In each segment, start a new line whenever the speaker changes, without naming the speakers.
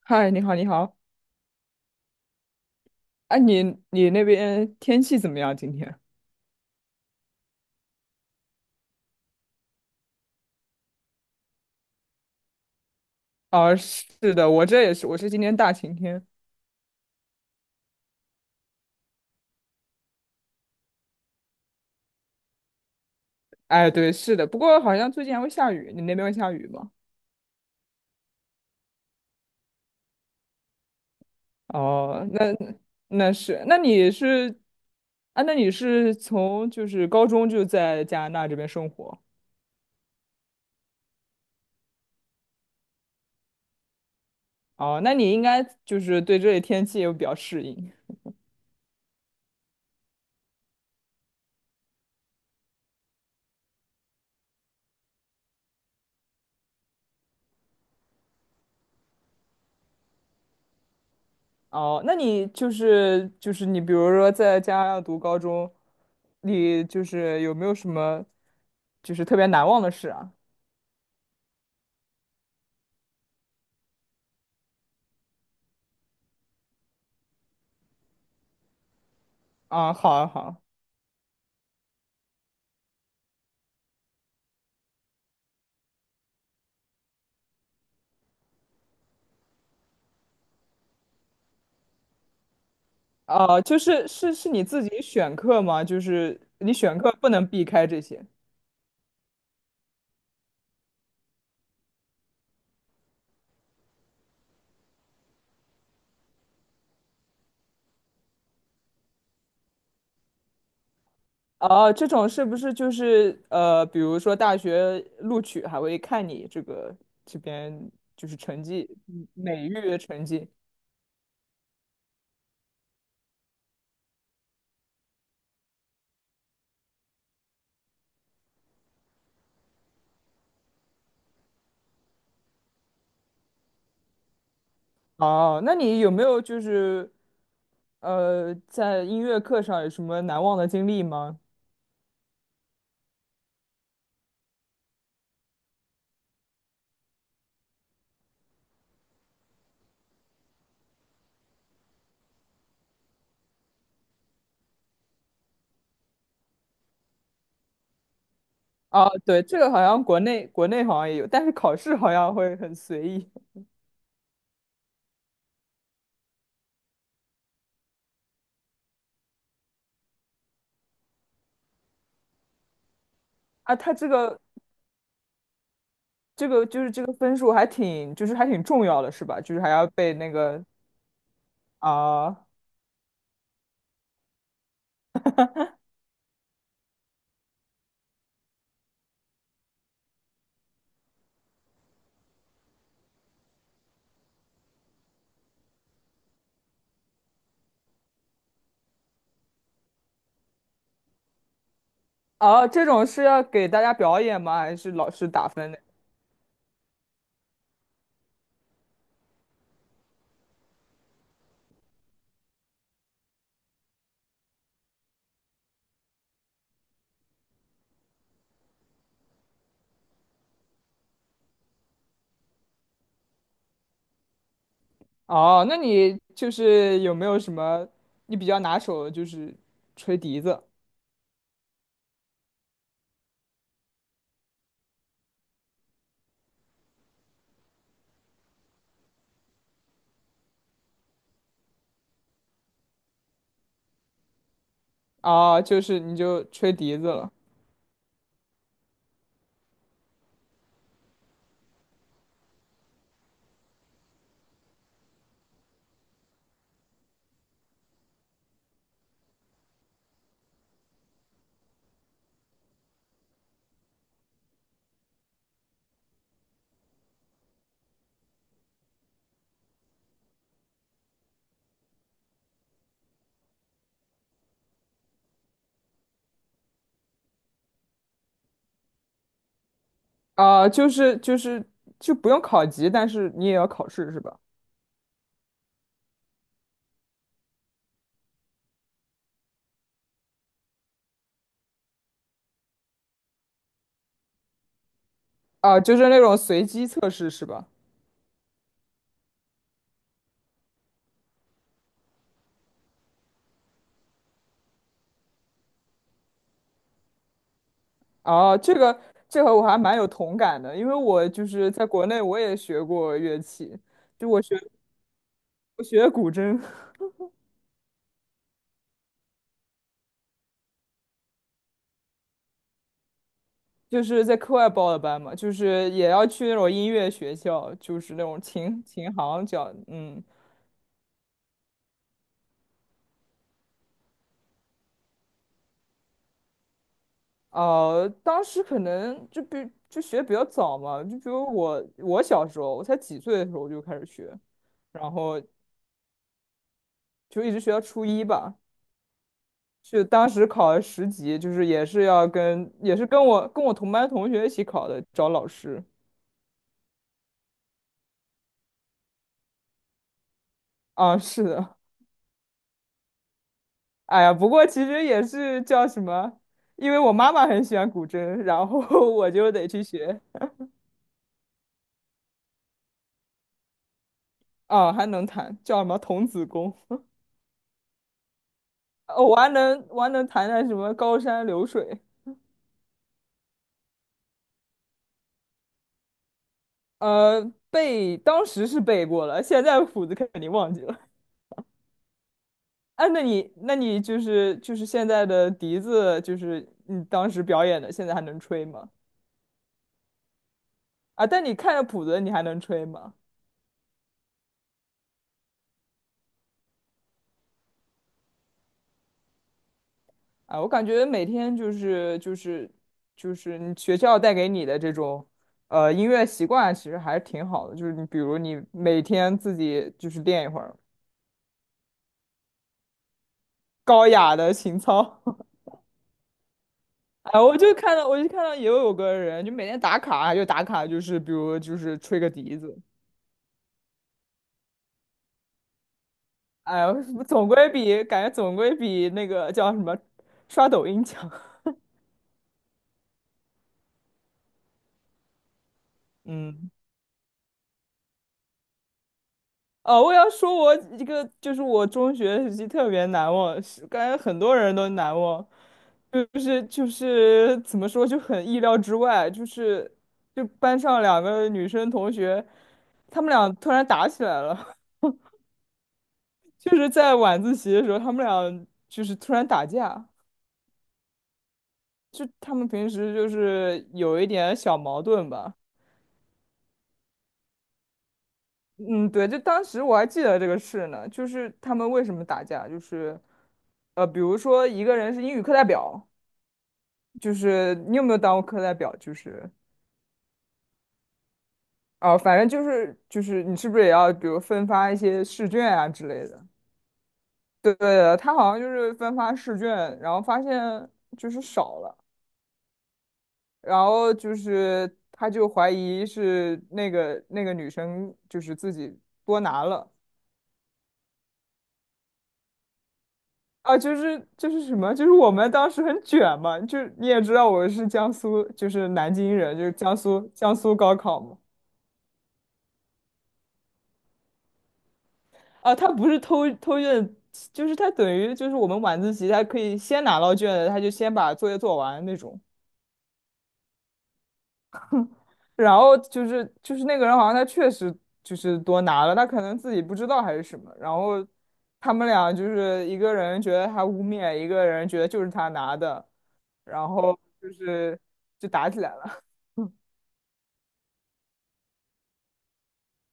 嗨，你好，你好。哎、你那边天气怎么样今天？哦，是的，我这也是，我是今天大晴天。哎，对，是的，不过好像最近还会下雨，你那边会下雨吗？哦，那那是，那你是，啊，那你是从就是高中就在加拿大这边生活。哦，那你应该就是对这里天气也比较适应。哦，那你就是你，比如说在家要读高中，你就是有没有什么就是特别难忘的事啊？啊，好啊，好啊。啊，就是你自己选课吗？就是你选课不能避开这些。哦，这种是不是就是比如说大学录取还会看你这个这边就是成绩，嗯美育的成绩？哦，那你有没有就是在音乐课上有什么难忘的经历吗？啊，对，这个好像国内好像也有，但是考试好像会很随意啊。他这个这个分数还挺就是还挺重要的，是吧？就是还要被那个啊啊，这种是要给大家表演吗？还是老师打分的？哦，那你就是有没有什么你比较拿手的，就是吹笛子啊？哦就是你就吹笛子了。啊、就是就不用考级，但是你也要考试是吧？啊、就是那种随机测试是吧？哦、这个这和我还蛮有同感的，因为我就是在国内我也学过乐器，就我学我学古筝，就是在课外报的班嘛，就是也要去那种音乐学校，就是那种琴琴行教。嗯。当时可能就比就学比较早嘛，就比如我小时候，我才几岁的时候我就开始学，然后就一直学到初一吧。就当时考了10级，就是也是要跟也是跟跟我同班同学一起考的，找老师。啊，是的。哎呀，不过其实也是叫什么，因为我妈妈很喜欢古筝，然后 我就得去学。啊，还能弹，叫什么童子功。哦我还能弹弹什么高山流水。呃，背当时是背过了，现在谱子肯定忘记了。哎，那你就是就是现在的笛子，就是你当时表演的，现在还能吹吗？啊，但你看着谱子，你还能吹吗？啊，我感觉每天就是你学校带给你的这种音乐习惯，其实还是挺好的。就是你比如你每天自己就是练一会儿高雅的情操。哎，我就看到也有个人就每天打卡，就打卡就是比如就是吹个笛子。哎呀，总归比感觉总归比那个叫什么刷抖音强。嗯，哦，我要说，我一个就是我中学时期特别难忘，是感觉很多人都难忘，就是怎么说就很意料之外，就是就班上两个女生同学，她们俩突然打起来了。就是在晚自习的时候，她们俩就是突然打架，就她们平时就是有一点小矛盾吧。嗯，对，就当时我还记得这个事呢，就是他们为什么打架，就是，比如说一个人是英语课代表，就是你有没有当过课代表？就是，哦、反正就是你是不是也要比如分发一些试卷啊之类的？对对对，他好像就是分发试卷，然后发现就是少了，然后就是他就怀疑是那个女生就是自己多拿了。啊，就是什么，就是我们当时很卷嘛，就是你也知道我是江苏，就是南京人，就是江苏高考嘛。啊，他不是偷偷卷，就是他等于就是我们晚自习，他可以先拿到卷子，他就先把作业做完那种。然后就是那个人好像他确实就是多拿了，他可能自己不知道还是什么。然后他们俩就是一个人觉得他污蔑，一个人觉得就是他拿的，然后就是就打起来了。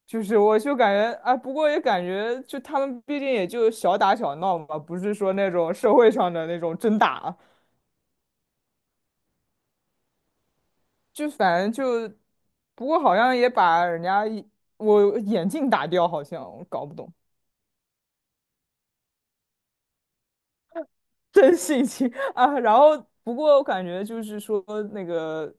就是我就感觉，啊，不过也感觉，就他们毕竟也就小打小闹嘛，不是说那种社会上的那种真打，就反正就，不过好像也把人家一我眼镜打掉，好像我搞不懂，真性情 啊。然后不过我感觉就是说那个，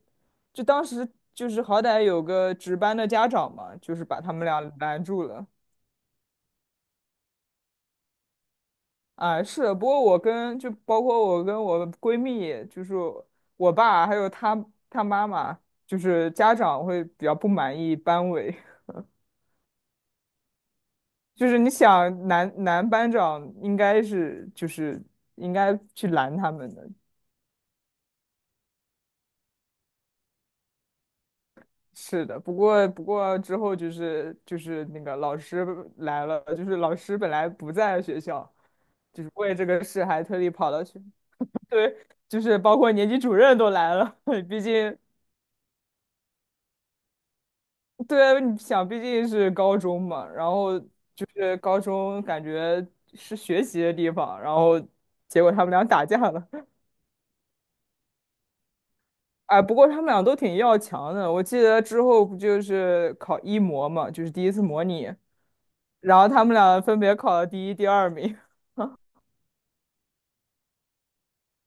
就当时就是好歹有个值班的家长嘛，就是把他们俩拦住了。啊，是的，不过我跟就包括我跟我闺蜜，就是我爸还有他妈妈，就是家长会比较不满意班委。就是你想男班长应该应该去拦他们的。是的，不过之后就是那个老师来了，就是老师本来不在学校，就是为这个事还特地跑到去。对，就是包括年级主任都来了。毕竟。对，你想，毕竟是高中嘛，然后就是高中感觉是学习的地方，然后结果他们俩打架了。哎，不过他们俩都挺要强的。我记得之后不就是考一模嘛，就是第一次模拟，然后他们俩分别考了第一、第二名。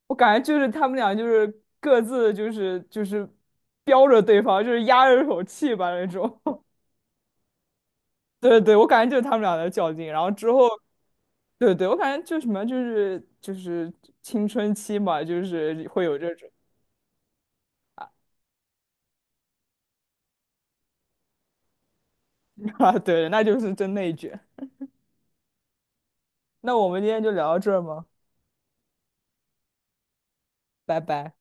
我感觉就是他们俩就是各自就是标着对方，就是压着一口气吧那种。对对，我感觉就是他们俩在较劲，然后之后，对对，我感觉就什么就是青春期嘛，就是会有这种 啊，对，那就是真内卷。那我们今天就聊到这儿吗？拜拜。